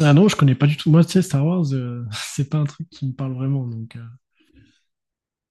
Ah non, je connais pas du tout. Moi, tu sais, Star Wars, c'est pas un truc qui me parle vraiment.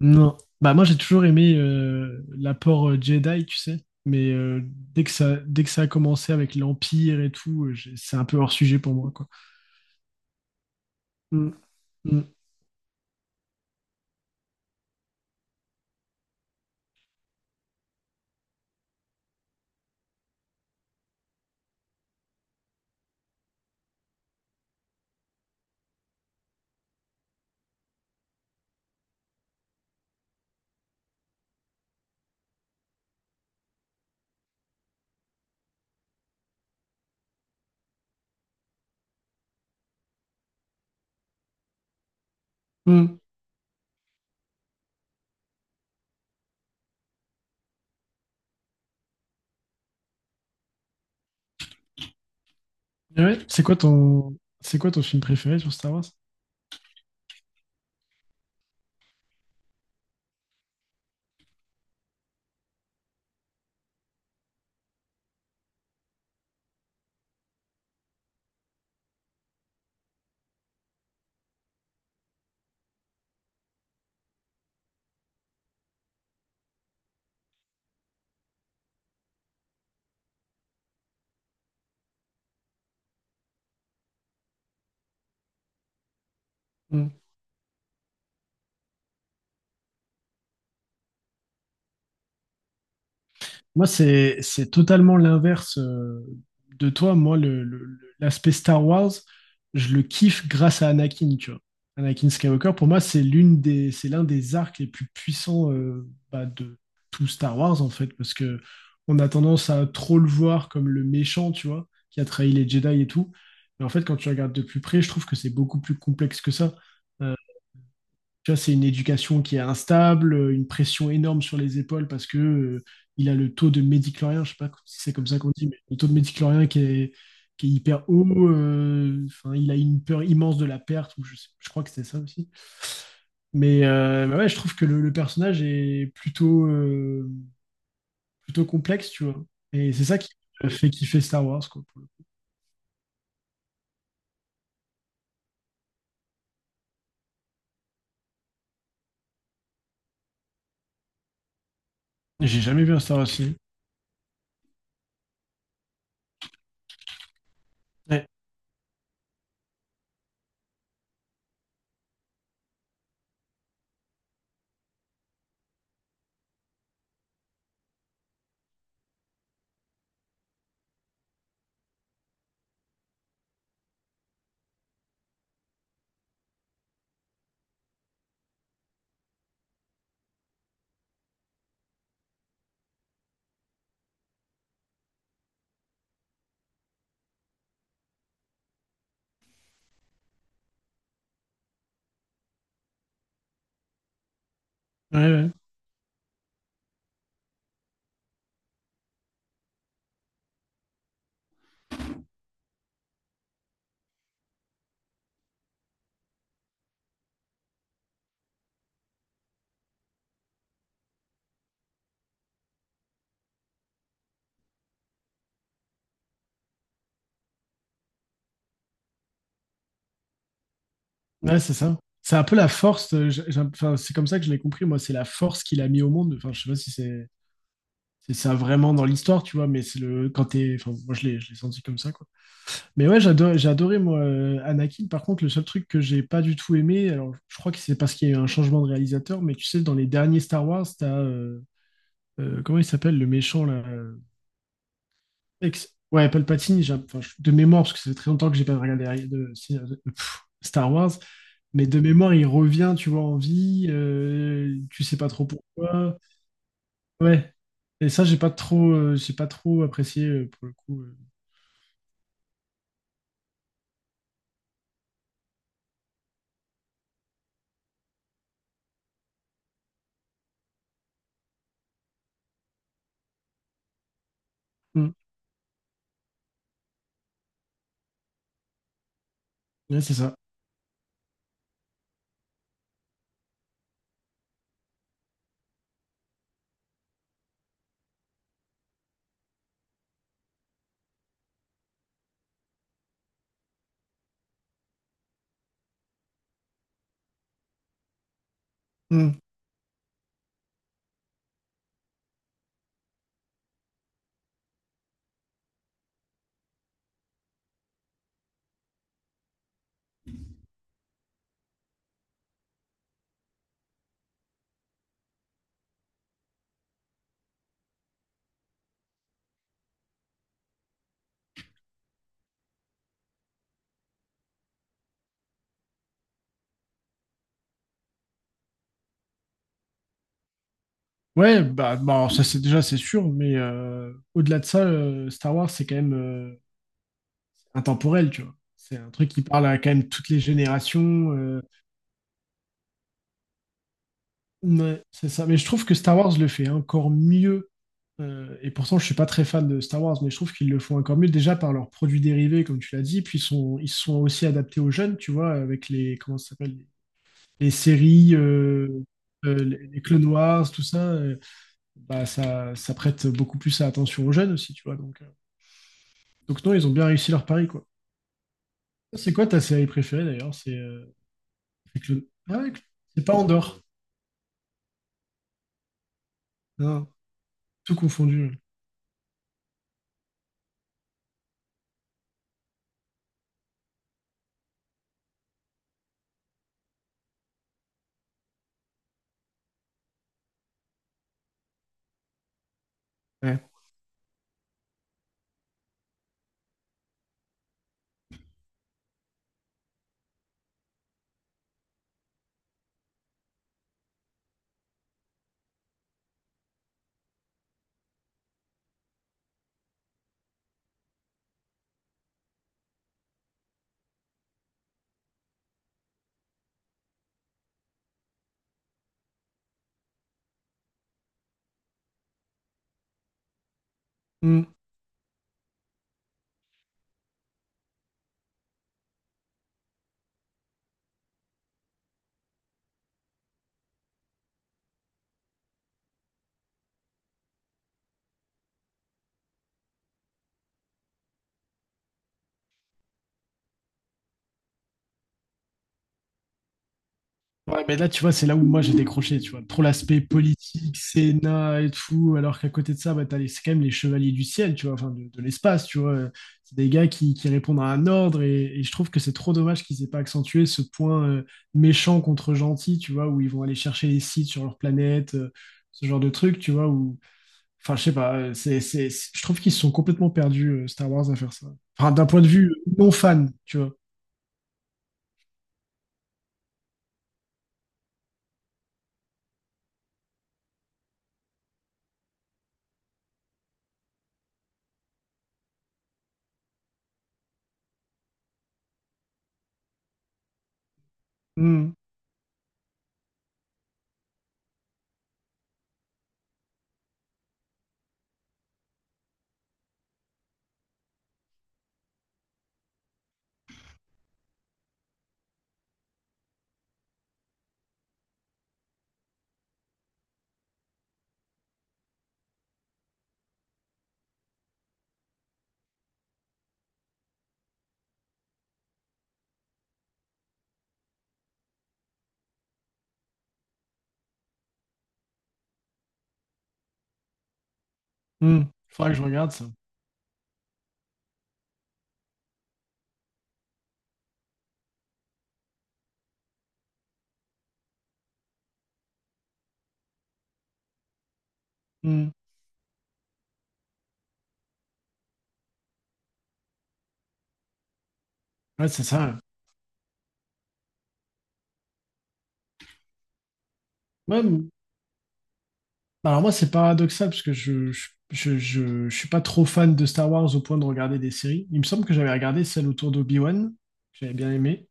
Non. Bah, moi, j'ai toujours aimé l'apport Jedi, tu sais. Mais dès que ça a commencé avec l'Empire et tout, c'est un peu hors sujet pour moi, quoi. Mm, mm, mm. Et ouais, c'est quoi ton film préféré sur Star Wars? Moi, c'est totalement l'inverse de toi. Moi, l'aspect Star Wars, je le kiffe grâce à Anakin, tu vois. Anakin Skywalker, pour moi, c'est l'un des arcs les plus puissants de tout Star Wars, en fait, parce que on a tendance à trop le voir comme le méchant, tu vois, qui a trahi les Jedi et tout. Mais en fait, quand tu regardes de plus près, je trouve que c'est beaucoup plus complexe que ça. Euh, Tu vois, c'est une éducation qui est instable, une pression énorme sur les épaules parce que il a le taux de médiclorien, je sais pas si c'est comme ça qu'on dit, mais le taux de médiclorien qui est hyper haut. Enfin, il a une peur immense de la perte, ou je crois que c'était ça aussi. Mais ouais, je trouve que le personnage est plutôt complexe, tu vois. Et c'est ça qui fait kiffer Star Wars, quoi. Pour le coup. J'ai jamais vu un Star Wars. Film. Ouais, ouais, ouais. Ouais, c'est ça. C'est un peu la force. Enfin, c'est comme ça que je l'ai compris. Moi, c'est la force qu'il a mis au monde. Enfin, je sais pas si c'est ça vraiment dans l'histoire, tu vois, mais c'est le quand t'es. Enfin, moi, je l'ai senti comme ça, quoi. Mais ouais, j'ai adoré moi Anakin. Par contre, le seul truc que j'ai pas du tout aimé, alors je crois que c'est parce qu'il y a eu un changement de réalisateur, mais tu sais, dans les derniers Star Wars, t'as comment il s'appelle le méchant là. Ouais, Palpatine. Enfin, de mémoire, parce que ça fait très longtemps que j'ai pas regardé Star Wars. Mais de mémoire, il revient, tu vois, en vie, tu sais pas trop pourquoi. Ouais. Et ça, j'ai pas trop apprécié pour le coup. Mm. Ouais, c'est ça. Mm. Alors ça c'est déjà c'est sûr, mais au-delà de ça, Star Wars c'est quand même intemporel, tu vois. C'est un truc qui parle à quand même toutes les générations. Ouais, c'est ça. Mais je trouve que Star Wars le fait encore mieux. Et pourtant, je suis pas très fan de Star Wars, mais je trouve qu'ils le font encore mieux déjà par leurs produits dérivés, comme tu l'as dit. Puis ils sont aussi adaptés aux jeunes, tu vois, avec les, comment ça s'appelle, les séries, les Clone Wars, tout ça. Ça prête beaucoup plus à attention aux jeunes aussi, tu vois. Donc non, ils ont bien réussi leur pari, quoi. C'est quoi ta série préférée d'ailleurs? Ah ouais, c'est pas Andorre. Non, tout confondu. Ouais. Ouais, mais là, tu vois, c'est là où moi j'ai décroché, tu vois. Trop l'aspect politique, Sénat et tout, alors qu'à côté de ça, bah, c'est quand même les chevaliers du ciel, tu vois, enfin, de l'espace, tu vois. C'est des gars qui répondent à un ordre et je trouve que c'est trop dommage qu'ils aient pas accentué ce point méchant contre gentil, tu vois, où ils vont aller chercher les sites sur leur planète, ce genre de truc, tu vois, où, enfin, je sais pas, je trouve qu'ils se sont complètement perdus, Star Wars, à faire ça. Enfin, d'un point de vue non fan, tu vois. Hmm, hmm. Faudra que je regarde ça. Hmm. Ouais, c'est ça. Ouais, m- alors moi c'est paradoxal parce que je suis pas trop fan de Star Wars au point de regarder des séries. Il me semble que j'avais regardé celle autour d'Obi-Wan, que j'avais bien aimé.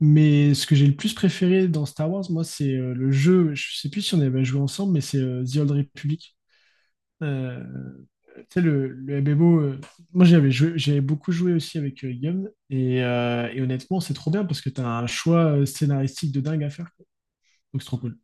Mais ce que j'ai le plus préféré dans Star Wars, moi, c'est le jeu, je sais plus si on avait joué ensemble, mais c'est The Old Republic. Euh, tu sais, le MMO, moi j'avais joué, j'avais beaucoup joué aussi avec Guillaume, et honnêtement, c'est trop bien parce que tu as un choix scénaristique de dingue à faire. Quoi. Donc c'est trop cool.